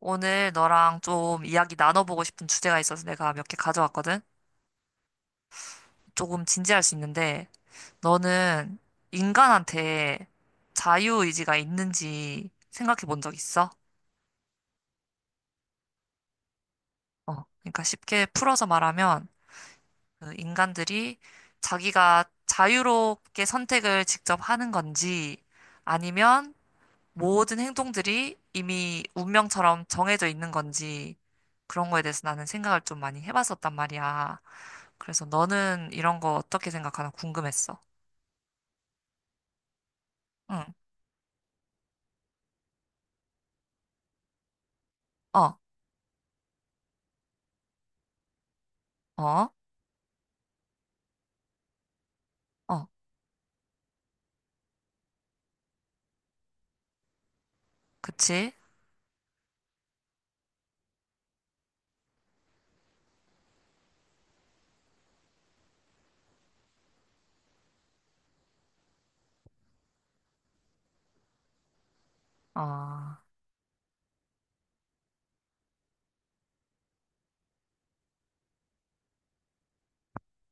오늘 너랑 좀 이야기 나눠보고 싶은 주제가 있어서 내가 몇 개 가져왔거든? 조금 진지할 수 있는데, 너는 인간한테 자유의지가 있는지 생각해 본 적 있어? 어, 그러니까 쉽게 풀어서 말하면, 그 인간들이 자기가 자유롭게 선택을 직접 하는 건지, 아니면 모든 행동들이 이미 운명처럼 정해져 있는 건지, 그런 거에 대해서 나는 생각을 좀 많이 해봤었단 말이야. 그래서 너는 이런 거 어떻게 생각하나 궁금했어. 응, 어, 어, 어, 그치? 어,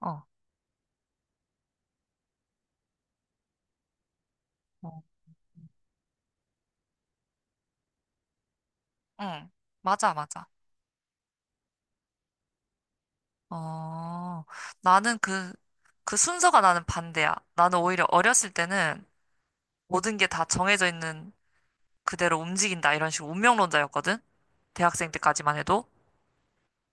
어, 어, 응, 맞아, 맞아. 어, 나는 그 순서가 나는 반대야. 나는 오히려 어렸을 때는 모든 게 다 정해져 있는 그대로 움직인다. 이런 식으로 운명론자였거든. 대학생 때까지만 해도.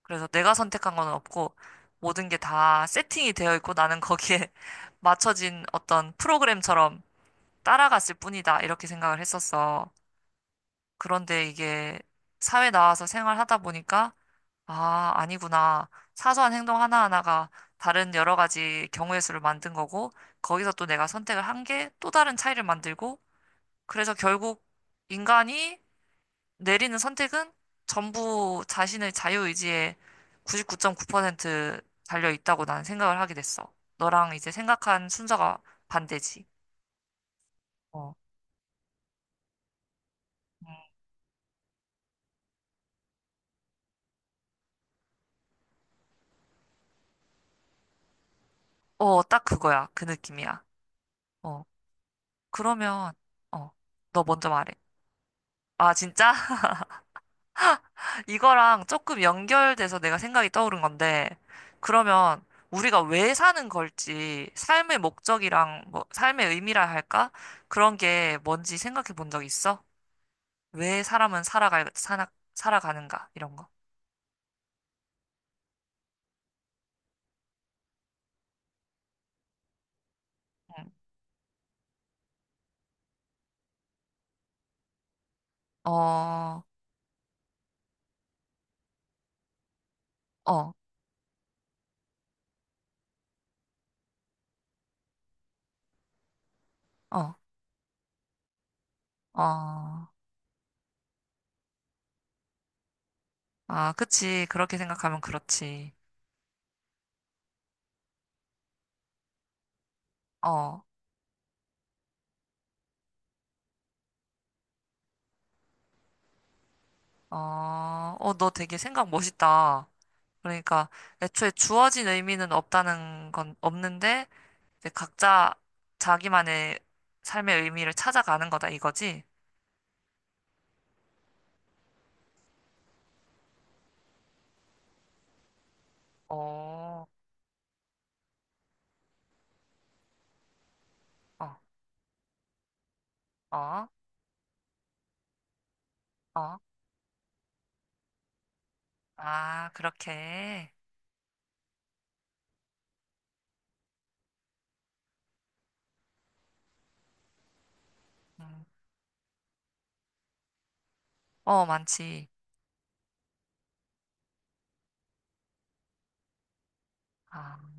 그래서 내가 선택한 건 없고, 모든 게 다 세팅이 되어 있고, 나는 거기에 맞춰진 어떤 프로그램처럼 따라갔을 뿐이다. 이렇게 생각을 했었어. 그런데 이게 사회 나와서 생활하다 보니까, 아, 아니구나. 사소한 행동 하나하나가 다른 여러 가지 경우의 수를 만든 거고, 거기서 또 내가 선택을 한 게 또 다른 차이를 만들고, 그래서 결국 인간이 내리는 선택은 전부 자신의 자유의지에 99.9% 달려 있다고 나는 생각을 하게 됐어. 너랑 이제 생각한 순서가 반대지. 어, 음. 어, 딱 그거야. 그 느낌이야. 어, 그러면, 어, 너 먼저 말해. 아, 진짜? 이거랑 조금 연결돼서 내가 생각이 떠오른 건데, 그러면 우리가 왜 사는 걸지, 삶의 목적이랑 뭐, 삶의 의미라 할까? 그런 게 뭔지 생각해 본 적 있어? 왜 사람은 살아가는가? 이런 거. 응. 어, 어, 어, 어. 아, 그치. 그렇게 생각하면 그렇지. 어, 어, 어, 너 되게 생각 멋있다. 그러니까 애초에 주어진 의미는 없다는 건 없는데 이제 각자 자기만의 삶의 의미를 찾아가는 거다 이거지? 어, 어, 어, 어, 아, 그렇게. 음, 어, 많지. 아,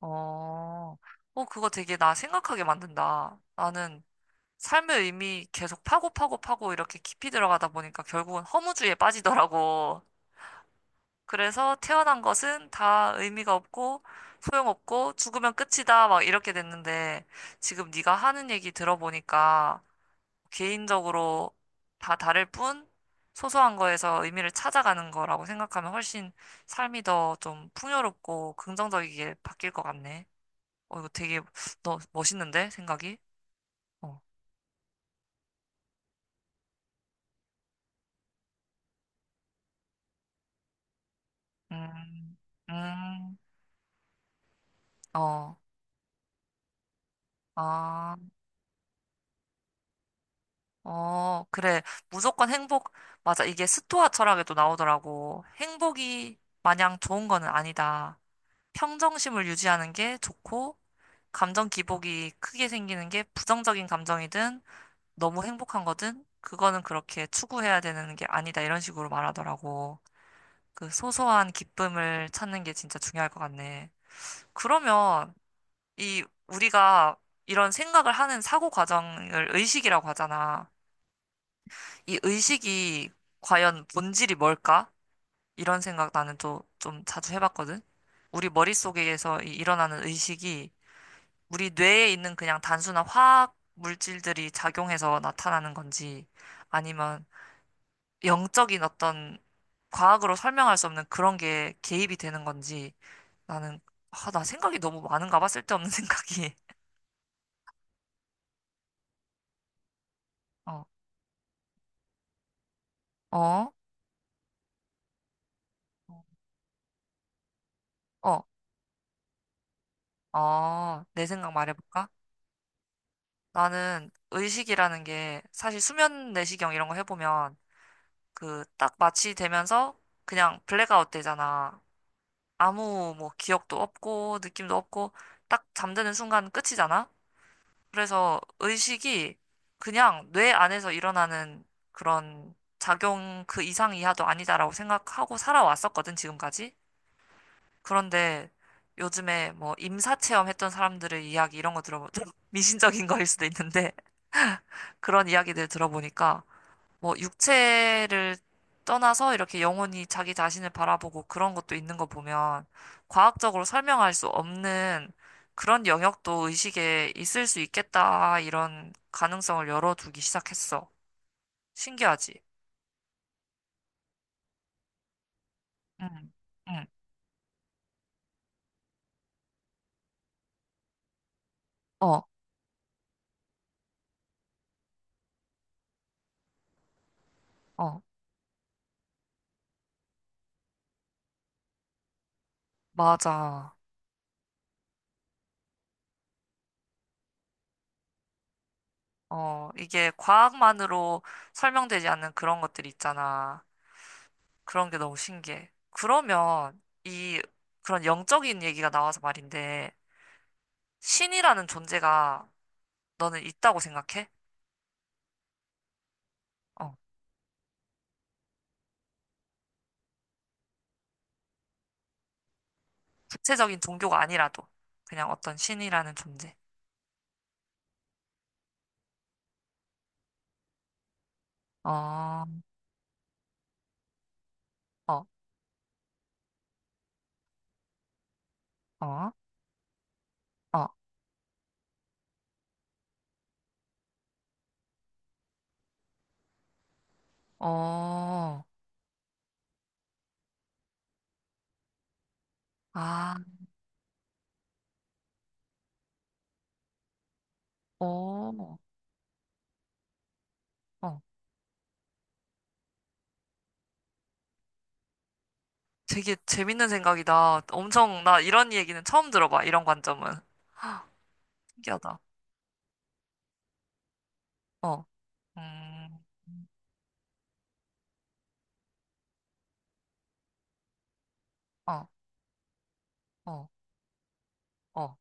어, 어, 그거 되게 나 생각하게 만든다. 나는 삶의 의미 계속 파고 파고 파고 이렇게 깊이 들어가다 보니까 결국은 허무주의에 빠지더라고. 그래서 태어난 것은 다 의미가 없고 소용없고 죽으면 끝이다 막 이렇게 됐는데 지금 네가 하는 얘기 들어보니까 개인적으로 다 다를 뿐 소소한 거에서 의미를 찾아가는 거라고 생각하면 훨씬 삶이 더 좀 풍요롭고 긍정적이게 바뀔 것 같네. 어, 이거 되게 너 멋있는데 생각이? 어. 음, 음, 어, 아. 어, 그래. 무조건 행복, 맞아. 이게 스토아 철학에도 나오더라고. 행복이 마냥 좋은 거는 아니다. 평정심을 유지하는 게 좋고, 감정 기복이 크게 생기는 게 부정적인 감정이든 너무 행복한 거든 그거는 그렇게 추구해야 되는 게 아니다. 이런 식으로 말하더라고. 그 소소한 기쁨을 찾는 게 진짜 중요할 것 같네. 그러면 이 우리가 이런 생각을 하는 사고 과정을 의식이라고 하잖아. 이 의식이 과연 본질이 뭘까? 이런 생각 나는 또 좀 자주 해봤거든. 우리 머릿속에서 일어나는 의식이 우리 뇌에 있는 그냥 단순한 화학 물질들이 작용해서 나타나는 건지 아니면 영적인 어떤 과학으로 설명할 수 없는 그런 게 개입이 되는 건지 나는 아, 나 생각이 너무 많은가 봐 쓸데없는 생각이 어, 어, 어, 어, 내 생각 말해볼까? 나는 의식이라는 게 사실 수면 내시경 이런 거 해보면 그 딱 마취되면서 그냥 블랙아웃 되잖아. 아무 뭐 기억도 없고 느낌도 없고 딱 잠드는 순간 끝이잖아. 그래서 의식이 그냥 뇌 안에서 일어나는 그런 작용 그 이상 이하도 아니다라고 생각하고 살아왔었거든, 지금까지. 그런데 요즘에 뭐 임사 체험했던 사람들의 이야기 이런 거 들어보면 미신적인 거일 수도 있는데 그런 이야기들 들어보니까 뭐 육체를 떠나서 이렇게 영혼이 자기 자신을 바라보고 그런 것도 있는 거 보면 과학적으로 설명할 수 없는 그런 영역도 의식에 있을 수 있겠다 이런 가능성을 열어두기 시작했어. 신기하지? 응, 응. 어, 어, 맞아. 어, 이게 과학만으로 설명되지 않는 그런 것들이 있잖아. 그런 게 너무 신기해. 그러면 이 그런 영적인 얘기가 나와서 말인데 신이라는 존재가 너는 있다고 생각해? 어. 구체적인 종교가 아니라도 그냥 어떤 신이라는 존재. 어, 어, 어, 어, 어, 아, 어, 어. 되게 재밌는 생각이다. 엄청 나 이런 얘기는 처음 들어봐. 이런 관점은. 헉, 신기하다. 어, 음, 어, 어, 어,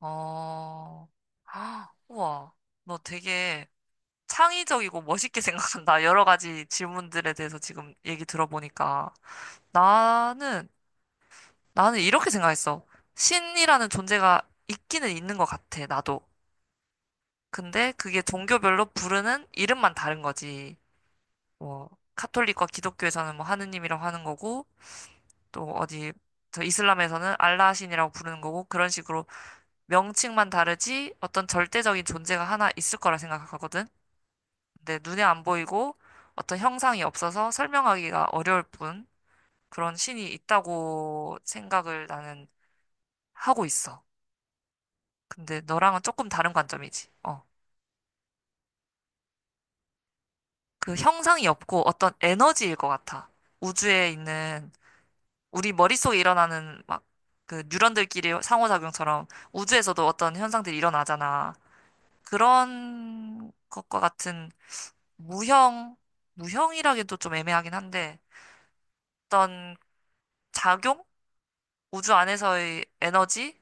어. 헉, 우와, 너 되게 창의적이고 멋있게 생각한다. 여러 가지 질문들에 대해서 지금 얘기 들어보니까. 나는, 나는 이렇게 생각했어. 신이라는 존재가 있기는 있는 것 같아, 나도. 근데 그게 종교별로 부르는 이름만 다른 거지. 뭐, 카톨릭과 기독교에서는 뭐 하느님이라고 하는 거고, 또 어디, 저 이슬람에서는 알라 신이라고 부르는 거고, 그런 식으로 명칭만 다르지 어떤 절대적인 존재가 하나 있을 거라 생각하거든. 근데 눈에 안 보이고 어떤 형상이 없어서 설명하기가 어려울 뿐, 그런 신이 있다고 생각을 나는 하고 있어. 근데 너랑은 조금 다른 관점이지. 어. 그 형상이 없고 어떤 에너지일 것 같아. 우주에 있는 우리 머릿속에 일어나는 막 그 뉴런들끼리 상호작용처럼 우주에서도 어떤 현상들이 일어나잖아. 그런 것과 같은 무형, 무형이라기도 좀 애매하긴 한데 어떤 작용? 우주 안에서의 에너지?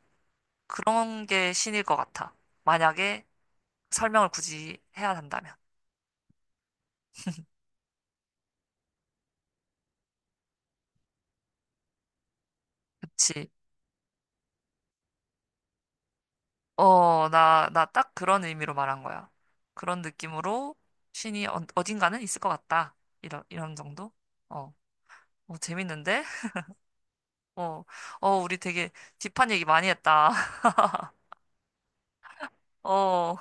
그런 게 신일 것 같아. 만약에 설명을 굳이 해야 한다면. 그치. 어, 나 딱 그런 의미로 말한 거야. 그런 느낌으로 신이 어, 어딘가는 있을 것 같다. 이런, 이런 정도? 어, 어, 재밌는데? 어, 어, 우리 되게 딥한 얘기 많이 했다. 어,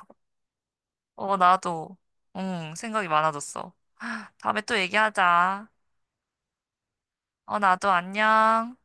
어, 나도, 응, 생각이 많아졌어. 다음에 또 얘기하자. 어, 나도 안녕.